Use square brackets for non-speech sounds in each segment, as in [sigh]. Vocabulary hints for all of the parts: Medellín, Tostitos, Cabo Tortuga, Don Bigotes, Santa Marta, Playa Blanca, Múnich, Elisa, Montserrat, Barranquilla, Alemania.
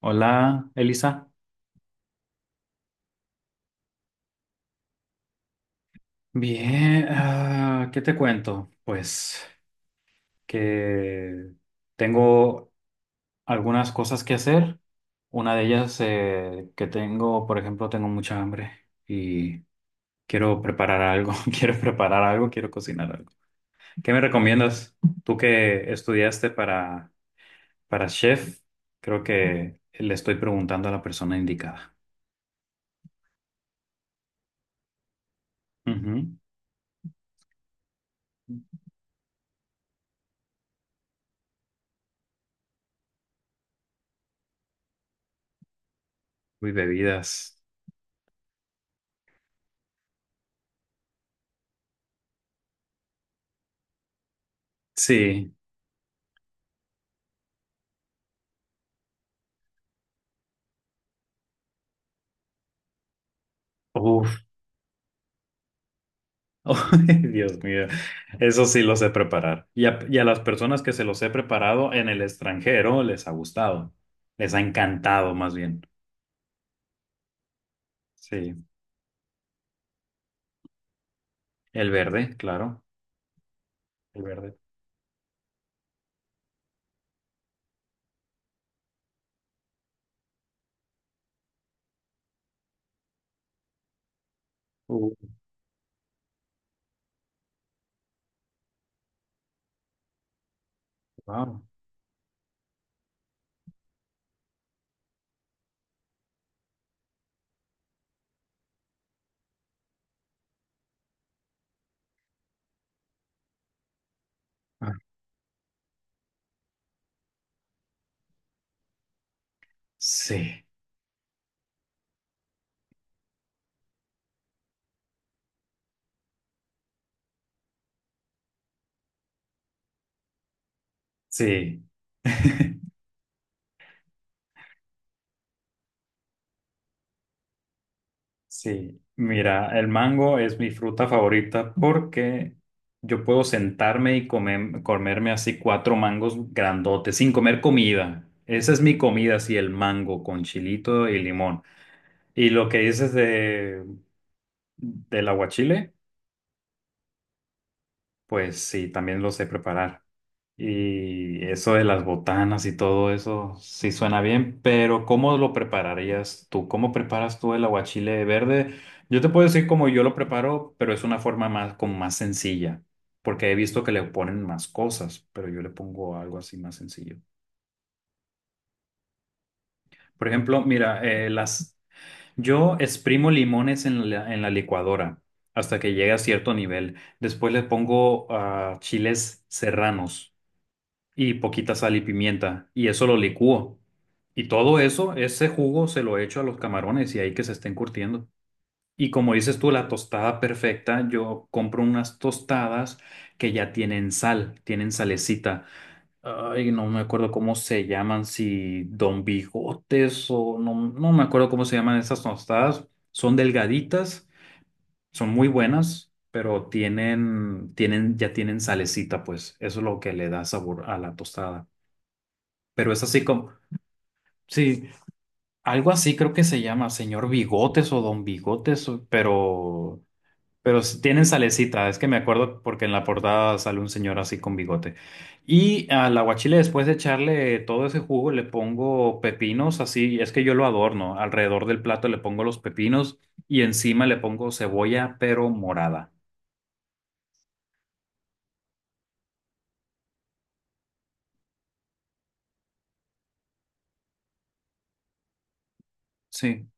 Hola, Elisa. Bien, ¿qué te cuento? Pues que tengo algunas cosas que hacer. Una de ellas que tengo, por ejemplo, tengo mucha hambre y quiero preparar algo, [laughs] quiero cocinar algo. ¿Qué me recomiendas? Tú que estudiaste para chef, creo que le estoy preguntando a la persona indicada. Ujú. Uy, bebidas. Sí. Uf. Oh, [laughs] Dios mío, eso sí lo sé preparar. Y a las personas que se los he preparado en el extranjero les ha gustado, les ha encantado más bien. Sí, el verde, claro, el verde. Uh, wow. Ah, sí, sí, [laughs] sí. Mira, el mango es mi fruta favorita porque yo puedo sentarme y comerme así cuatro mangos grandotes sin comer comida. Esa es mi comida, así el mango con chilito y limón. Y lo que dices del aguachile, pues sí, también lo sé preparar. Y eso de las botanas y todo eso, sí suena bien, pero ¿cómo lo prepararías tú? ¿Cómo preparas tú el aguachile verde? Yo te puedo decir cómo yo lo preparo, pero es una forma más, como más sencilla, porque he visto que le ponen más cosas, pero yo le pongo algo así más sencillo. Por ejemplo, mira, yo exprimo limones en la licuadora hasta que llegue a cierto nivel. Después le pongo chiles serranos y poquita sal y pimienta, y eso lo licúo. Y todo eso, ese jugo se lo echo a los camarones y ahí que se estén curtiendo. Y como dices tú, la tostada perfecta, yo compro unas tostadas que ya tienen sal, tienen salecita. Ay, no me acuerdo cómo se llaman, si Don Bigotes o no, no me acuerdo cómo se llaman esas tostadas. Son delgaditas, son muy buenas, pero ya tienen salecita, pues. Eso es lo que le da sabor a la tostada. Pero es así como, sí, algo así creo que se llama, señor Bigotes o Don Bigotes, Pero tienen salecita, es que me acuerdo porque en la portada sale un señor así con bigote. Y al aguachile, después de echarle todo ese jugo, le pongo pepinos, así, es que yo lo adorno. Alrededor del plato le pongo los pepinos y encima le pongo cebolla, pero morada. Sí.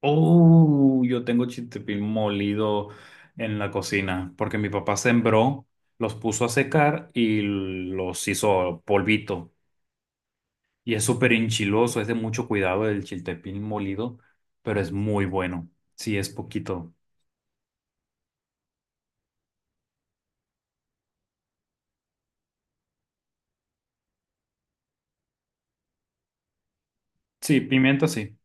Oh, yo tengo chiltepín molido en la cocina porque mi papá sembró, los puso a secar y los hizo polvito. Y es súper enchiloso, es de mucho cuidado el chiltepín molido, pero es muy bueno. Sí, es poquito. Sí, pimienta sí.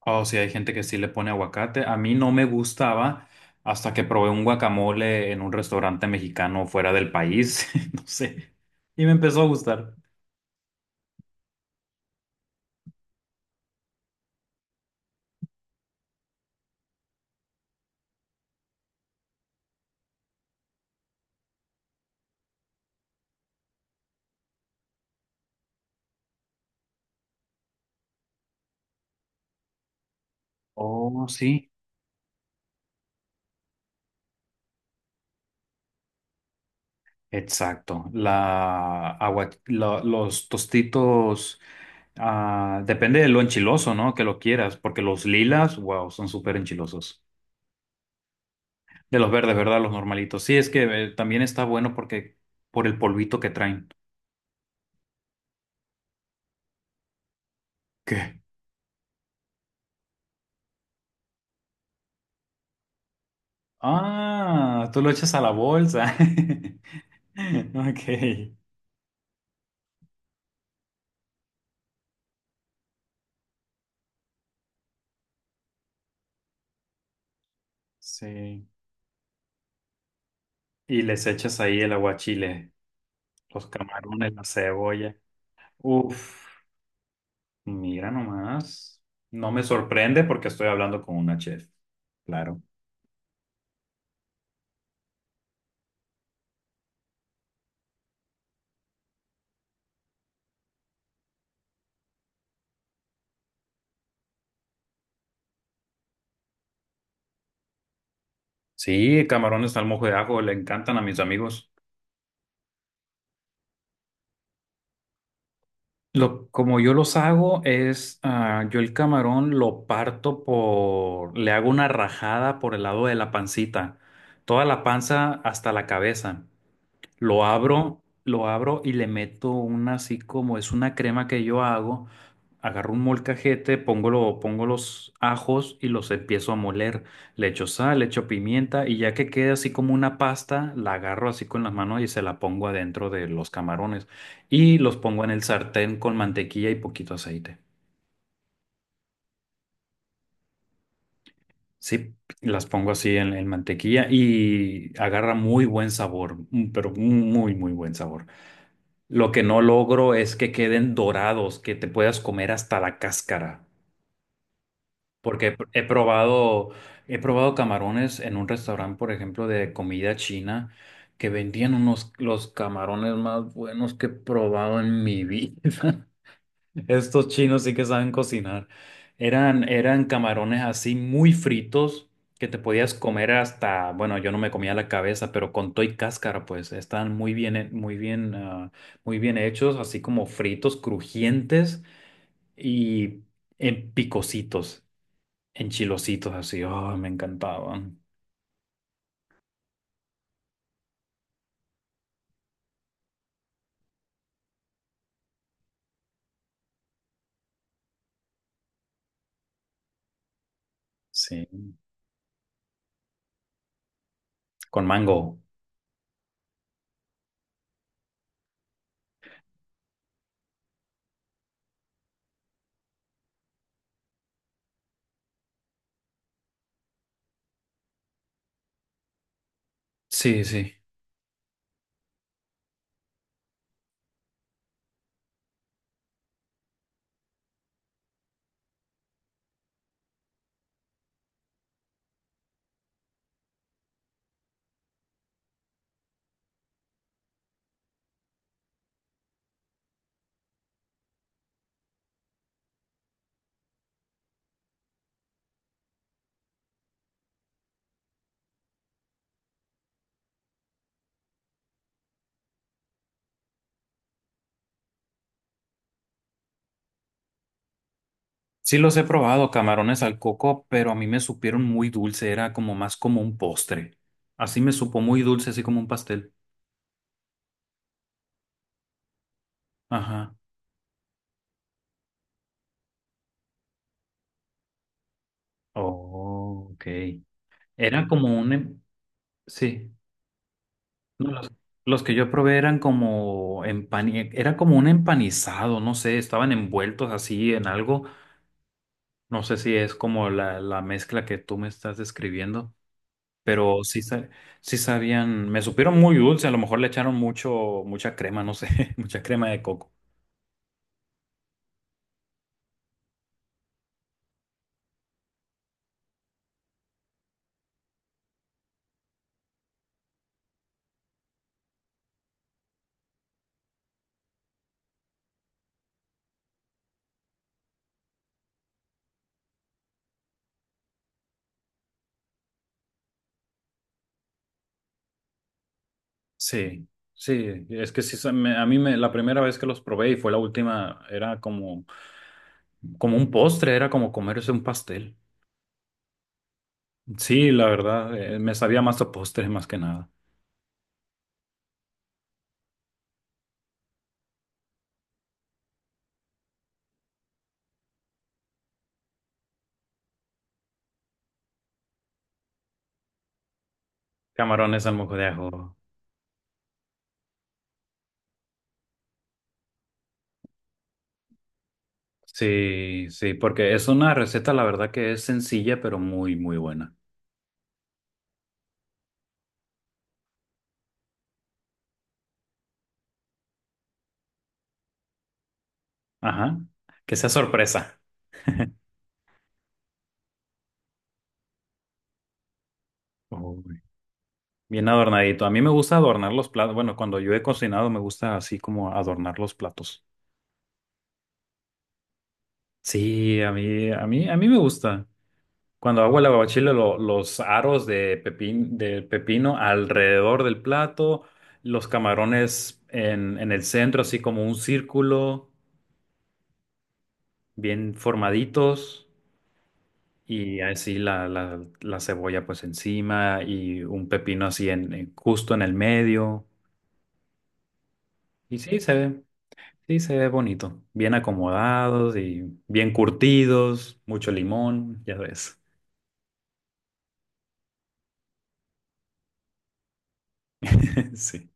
O sí, hay gente que sí le pone aguacate. A mí no me gustaba hasta que probé un guacamole en un restaurante mexicano fuera del país, [laughs] no sé, y me empezó a gustar. Oh, sí. Exacto. Los tostitos, depende de lo enchiloso, ¿no? Que lo quieras, porque los lilas, wow, son súper enchilosos. De los verdes, ¿verdad? Los normalitos. Sí, es que también está bueno porque por el polvito que traen. ¿Qué? Ah, tú lo echas a la bolsa. [laughs] Ok. Sí. Y les echas ahí el aguachile, los camarones, la cebolla. Uf, mira nomás. No me sorprende porque estoy hablando con una chef. Claro. Sí, camarones al mojo de ajo le encantan a mis amigos. Como yo los hago es, yo el camarón lo parto le hago una rajada por el lado de la pancita, toda la panza hasta la cabeza. Lo abro y le meto una, así como es, una crema que yo hago. Agarro un molcajete, pongo los ajos y los empiezo a moler. Le echo sal, le echo pimienta y ya que quede así como una pasta, la agarro así con las manos y se la pongo adentro de los camarones. Y los pongo en el sartén con mantequilla y poquito aceite. Sí, las pongo así en mantequilla y agarra muy buen sabor, pero muy, muy buen sabor. Lo que no logro es que queden dorados, que te puedas comer hasta la cáscara. Porque he probado camarones en un restaurante, por ejemplo, de comida china, que vendían unos, los camarones más buenos que he probado en mi vida. [laughs] Estos chinos sí que saben cocinar. Eran camarones así muy fritos, que te podías comer hasta, bueno, yo no me comía la cabeza, pero con toy cáscara, pues estaban muy bien, muy bien, muy bien hechos, así como fritos, crujientes y en picositos, en chilositos, así. Oh, me encantaban. Sí, con mango. Sí, sí. Sí los he probado, camarones al coco, pero a mí me supieron muy dulce, era como más como un postre. Así me supo muy dulce, así como un pastel. Ajá. Oh, ok. Era como un... em- Sí. No, los que yo probé eran Era como un empanizado, no sé, estaban envueltos así en algo. No sé si es como la mezcla que tú me estás describiendo, pero sí, sí sabían. Me supieron muy dulce, a lo mejor le echaron mucho, mucha crema, no sé, [laughs] mucha crema de coco. Sí, sí, es que sí, se me- a mí me, la primera vez que los probé y fue la última, era como un postre, era como comerse un pastel. Sí, la verdad, me sabía más a postre más que nada. Camarones al mojo de ajo. Sí, sí, porque es una receta, la verdad que es sencilla, pero muy, muy buena. Ajá, que sea sorpresa. Uy. Bien adornadito. A mí me gusta adornar los platos. Bueno, cuando yo he cocinado me gusta así como adornar los platos. Sí, a mí me gusta. Cuando hago el aguachile, los aros de del pepino alrededor del plato, los camarones en el centro, así como un círculo, bien formaditos, y así la cebolla pues encima y un pepino así justo en el medio. Y sí, sí se ve bonito, bien acomodados y bien curtidos, mucho limón, ya ves. [laughs] Sí,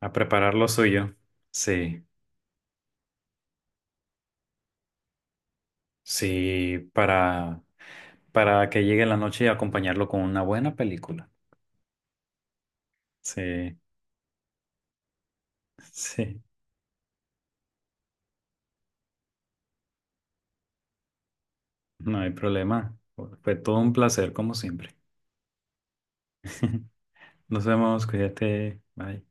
a prepararlo soy yo. Sí. Sí, para que llegue la noche y acompañarlo con una buena película. Sí, [laughs] sí, no hay problema. Fue todo un placer, como siempre. [laughs] Nos vemos, cuídate, bye.